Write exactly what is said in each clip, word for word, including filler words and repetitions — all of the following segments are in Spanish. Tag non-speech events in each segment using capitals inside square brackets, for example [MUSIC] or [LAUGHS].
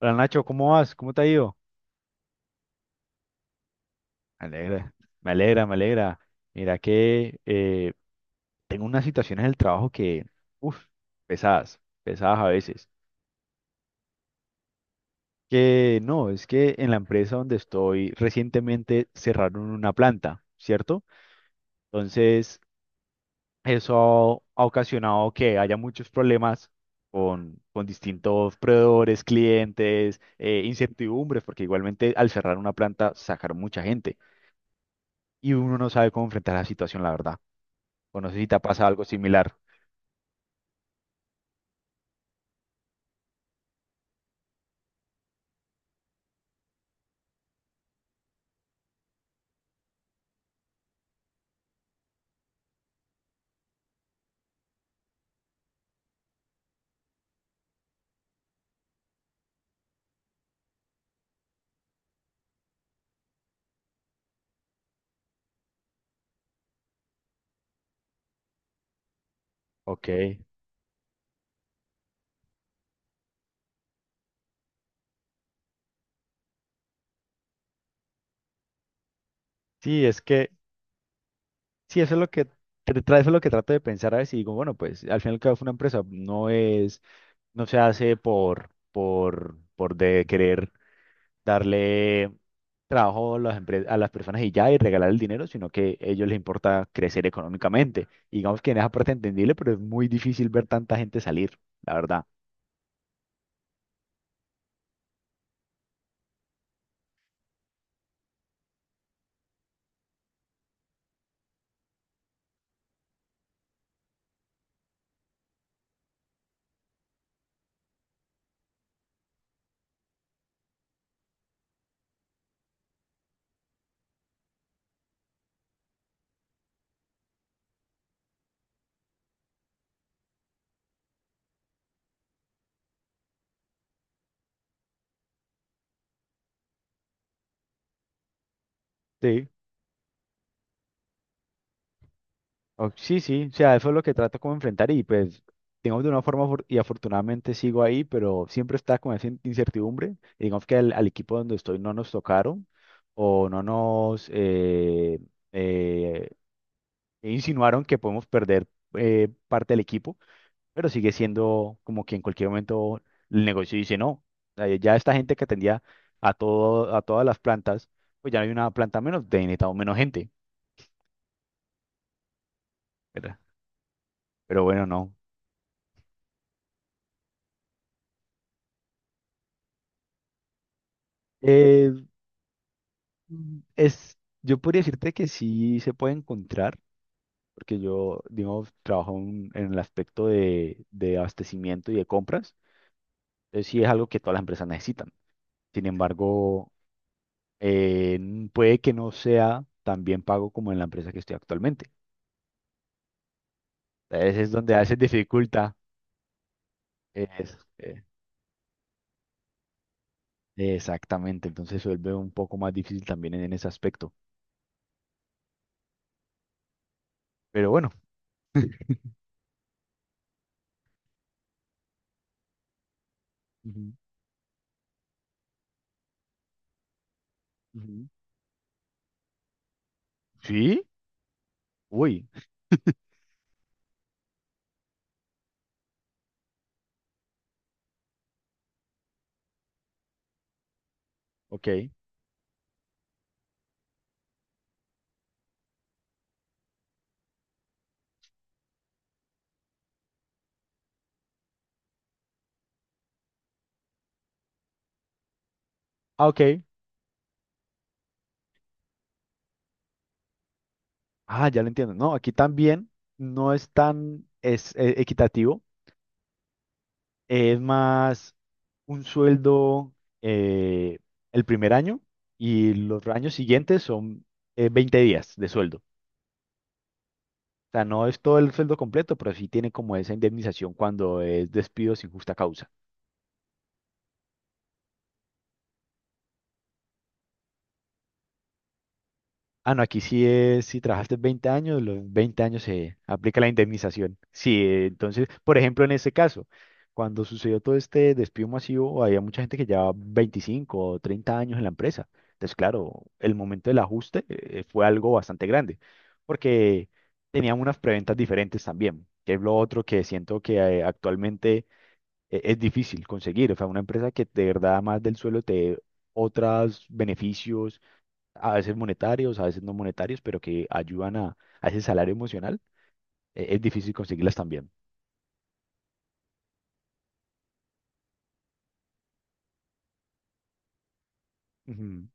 Hola Nacho, ¿cómo vas? ¿Cómo te ha ido? Me alegra, me alegra, me alegra. Mira que eh, tengo unas situaciones del trabajo que, uff, pesadas, pesadas a veces. Que no, es que en la empresa donde estoy recientemente cerraron una planta, ¿cierto? Entonces, eso ha ocasionado que haya muchos problemas con, con distintos proveedores, clientes, eh, incertidumbres, porque igualmente al cerrar una planta sacaron mucha gente y uno no sabe cómo enfrentar la situación, la verdad. O no sé si te ha pasado algo similar. Ok. Sí, es que, sí, eso es lo que, tra- tra- eso es lo que trato de pensar a veces y digo, bueno, pues al final cada una empresa no es, no se hace por, por, por de querer darle trabajo a las, empre- a las personas y ya y regalar el dinero, sino que a ellos les importa crecer económicamente. Y digamos que en esa parte entendible, pero es muy difícil ver tanta gente salir, la verdad. Sí. O- sí, sí, o sea, eso es lo que trato como enfrentar y pues, digamos de una forma afor- y afortunadamente sigo ahí, pero siempre está con esa in- incertidumbre. Y digamos que al, al equipo donde estoy no nos tocaron o no nos eh, eh, insinuaron que podemos perder eh, parte del equipo, pero sigue siendo como que en cualquier momento el negocio dice no. eh, Ya esta gente que atendía a todo, a todas las plantas, pues ya no hay una planta menos, de necesitamos menos gente, ¿verdad? Pero bueno, no. Mm. Es, yo podría decirte que sí se puede encontrar, porque yo, digamos, trabajo en, en el aspecto de, de abastecimiento y de compras. Entonces sí es algo que todas las empresas necesitan. Sin embargo, eh, n- puede que no sea tan bien pago como en la empresa que estoy actualmente. Entonces es donde a veces dificulta. es- eh, exactamente, entonces se vuelve un poco más difícil también en, en ese aspecto. Pero bueno. Ujú, ujú. ¿Sí? Uy, ok. Ah, ok. Ah, ya lo entiendo. No, aquí también no es tan es, eh, equitativo. Es más un sueldo eh, el primer año y los años siguientes son eh, veinte días de sueldo. O sea, no es todo el sueldo completo, pero sí tiene como esa indemnización cuando es despido sin justa causa. Ah, no, aquí sí es, si trabajaste veinte años, los veinte años se aplica la indemnización. Sí, eh, entonces, por ejemplo, en este caso, cuando sucedió todo este despido masivo, había mucha gente que llevaba veinticinco o treinta años en la empresa. Entonces, claro, el momento del ajuste eh, eh, fue algo bastante grande, porque tenían unas preventas diferentes también, que es lo otro que siento que eh, actualmente eh, es difícil conseguir. O sea, una empresa que de verdad, más del suelo, te dé otros beneficios a veces monetarios, a veces no monetarios, pero que ayudan a, a ese salario emocional, eh, es difícil conseguirlas también. Ujú.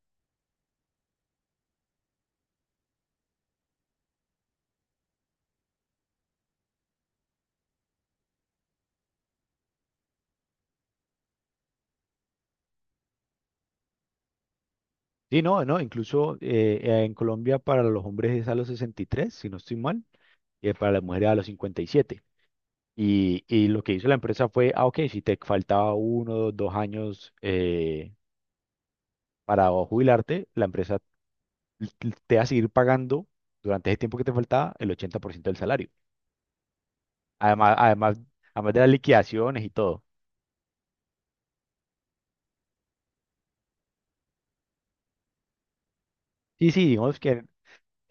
Sí, no, no, incluso eh, eh, en Colombia para los hombres es a los sesenta y tres si no estoy mal, y para las mujeres a los cincuenta y siete, y y lo que hizo la empresa fue, ah, ok, si te faltaba uno dos años eh, para jubilarte, la empresa l- te va a seguir pagando durante ese tiempo que te faltaba el ochenta por ciento del salario. Además, además, además de las liquidaciones y todo. Sí, sí, digamos que en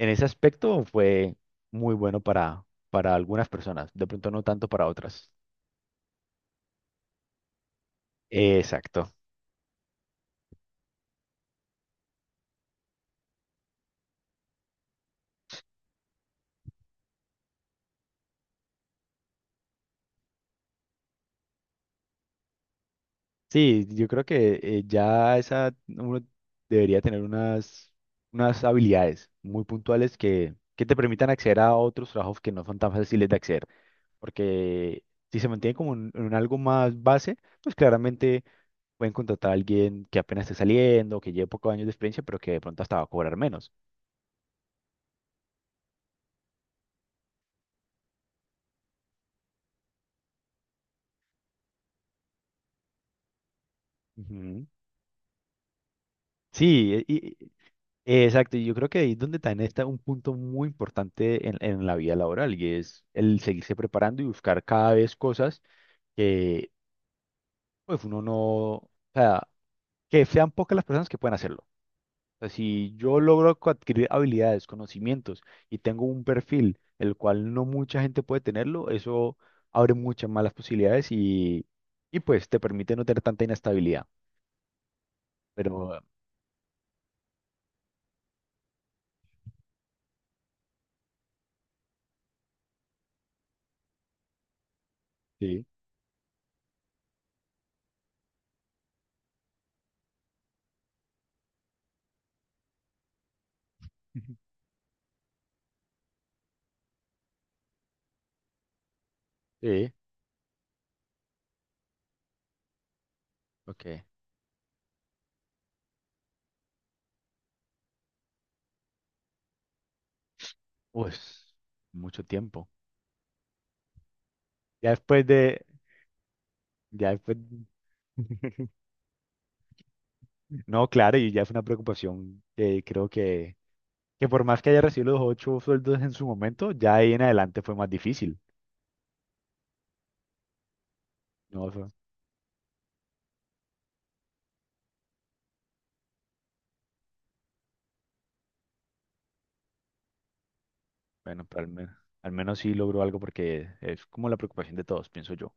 ese aspecto fue muy bueno para, para algunas personas, de pronto no tanto para otras. Exacto. Sí, yo creo que eh, ya esa uno debería tener unas, unas habilidades muy puntuales que, que te permitan acceder a otros trabajos que no son tan fáciles de acceder. Porque si se mantiene como en, en algo más base, pues claramente pueden contratar a alguien que apenas esté saliendo, que lleve pocos años de experiencia, pero que de pronto hasta va a cobrar menos. Ujú. Sí, y, Eh, exacto, y yo creo que ahí es donde también está un punto muy importante en, en la vida laboral y es el seguirse preparando y buscar cada vez cosas que pues uno no, o sea, que sean pocas las personas que pueden hacerlo. O sea, si yo logro co- adquirir habilidades, conocimientos y tengo un perfil el cual no mucha gente puede tenerlo, eso abre muchas más las posibilidades y, y pues te permite no tener tanta inestabilidad. Pero sí, [LAUGHS] sí, ok. Pues mucho tiempo. Ya después de, ya después, [LAUGHS] no, claro, y ya fue una preocupación que creo que, que por más que haya recibido los ocho sueldos en su momento, ya ahí en adelante fue más difícil, ¿no? Fue- bueno, pero al menos, al menos sí logró algo porque es como la preocupación de todos, pienso yo.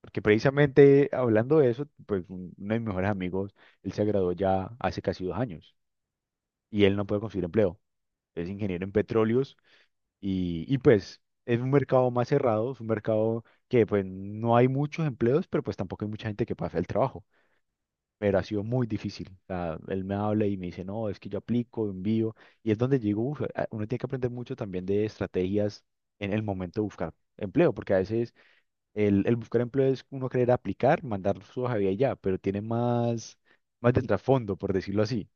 Porque precisamente hablando de eso, pues un- uno de mis mejores amigos, él se graduó ya hace casi dos años y él no puede conseguir empleo. Es ingeniero en petróleos, Y, y pues es un mercado más cerrado, es un mercado que pues no hay muchos empleos, pero pues tampoco hay mucha gente que pase el trabajo. Pero ha sido muy difícil. O sea, él me habla y me dice, no, es que yo aplico, envío. Y es donde digo, "Uf, a- uno tiene que aprender mucho también de estrategias en el momento de buscar empleo, porque a veces el, el buscar empleo es uno querer aplicar, mandar su hoja de vida y ya, pero tiene más, más de trasfondo, por decirlo así.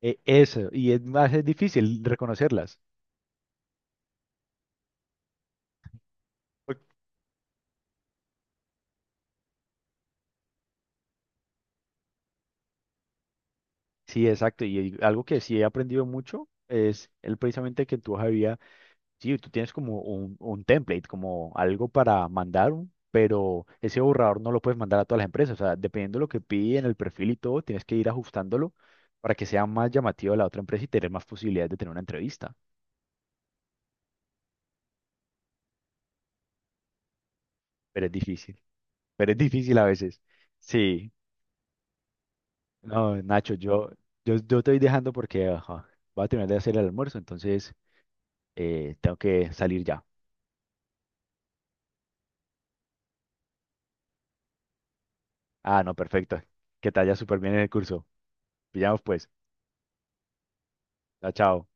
E- eso, y es más es difícil reconocerlas. Sí, exacto. Y algo que sí he aprendido mucho es el precisamente que en tu hoja de vida, sí, tú tienes como un, un template, como algo para mandar, un- pero ese borrador no lo puedes mandar a todas las empresas. O sea, dependiendo de lo que piden, el perfil y todo, tienes que ir ajustándolo para que sea más llamativo a la otra empresa y tener más posibilidades de tener una entrevista. Pero es difícil, pero es difícil a veces. Sí, no, Nacho, yo, yo, yo te voy dejando porque ajá, voy a terminar de hacer el almuerzo, entonces eh, tengo que salir ya. Ah, no, perfecto. Que te haya súper bien en el curso. Pillamos pues. Chao, chao.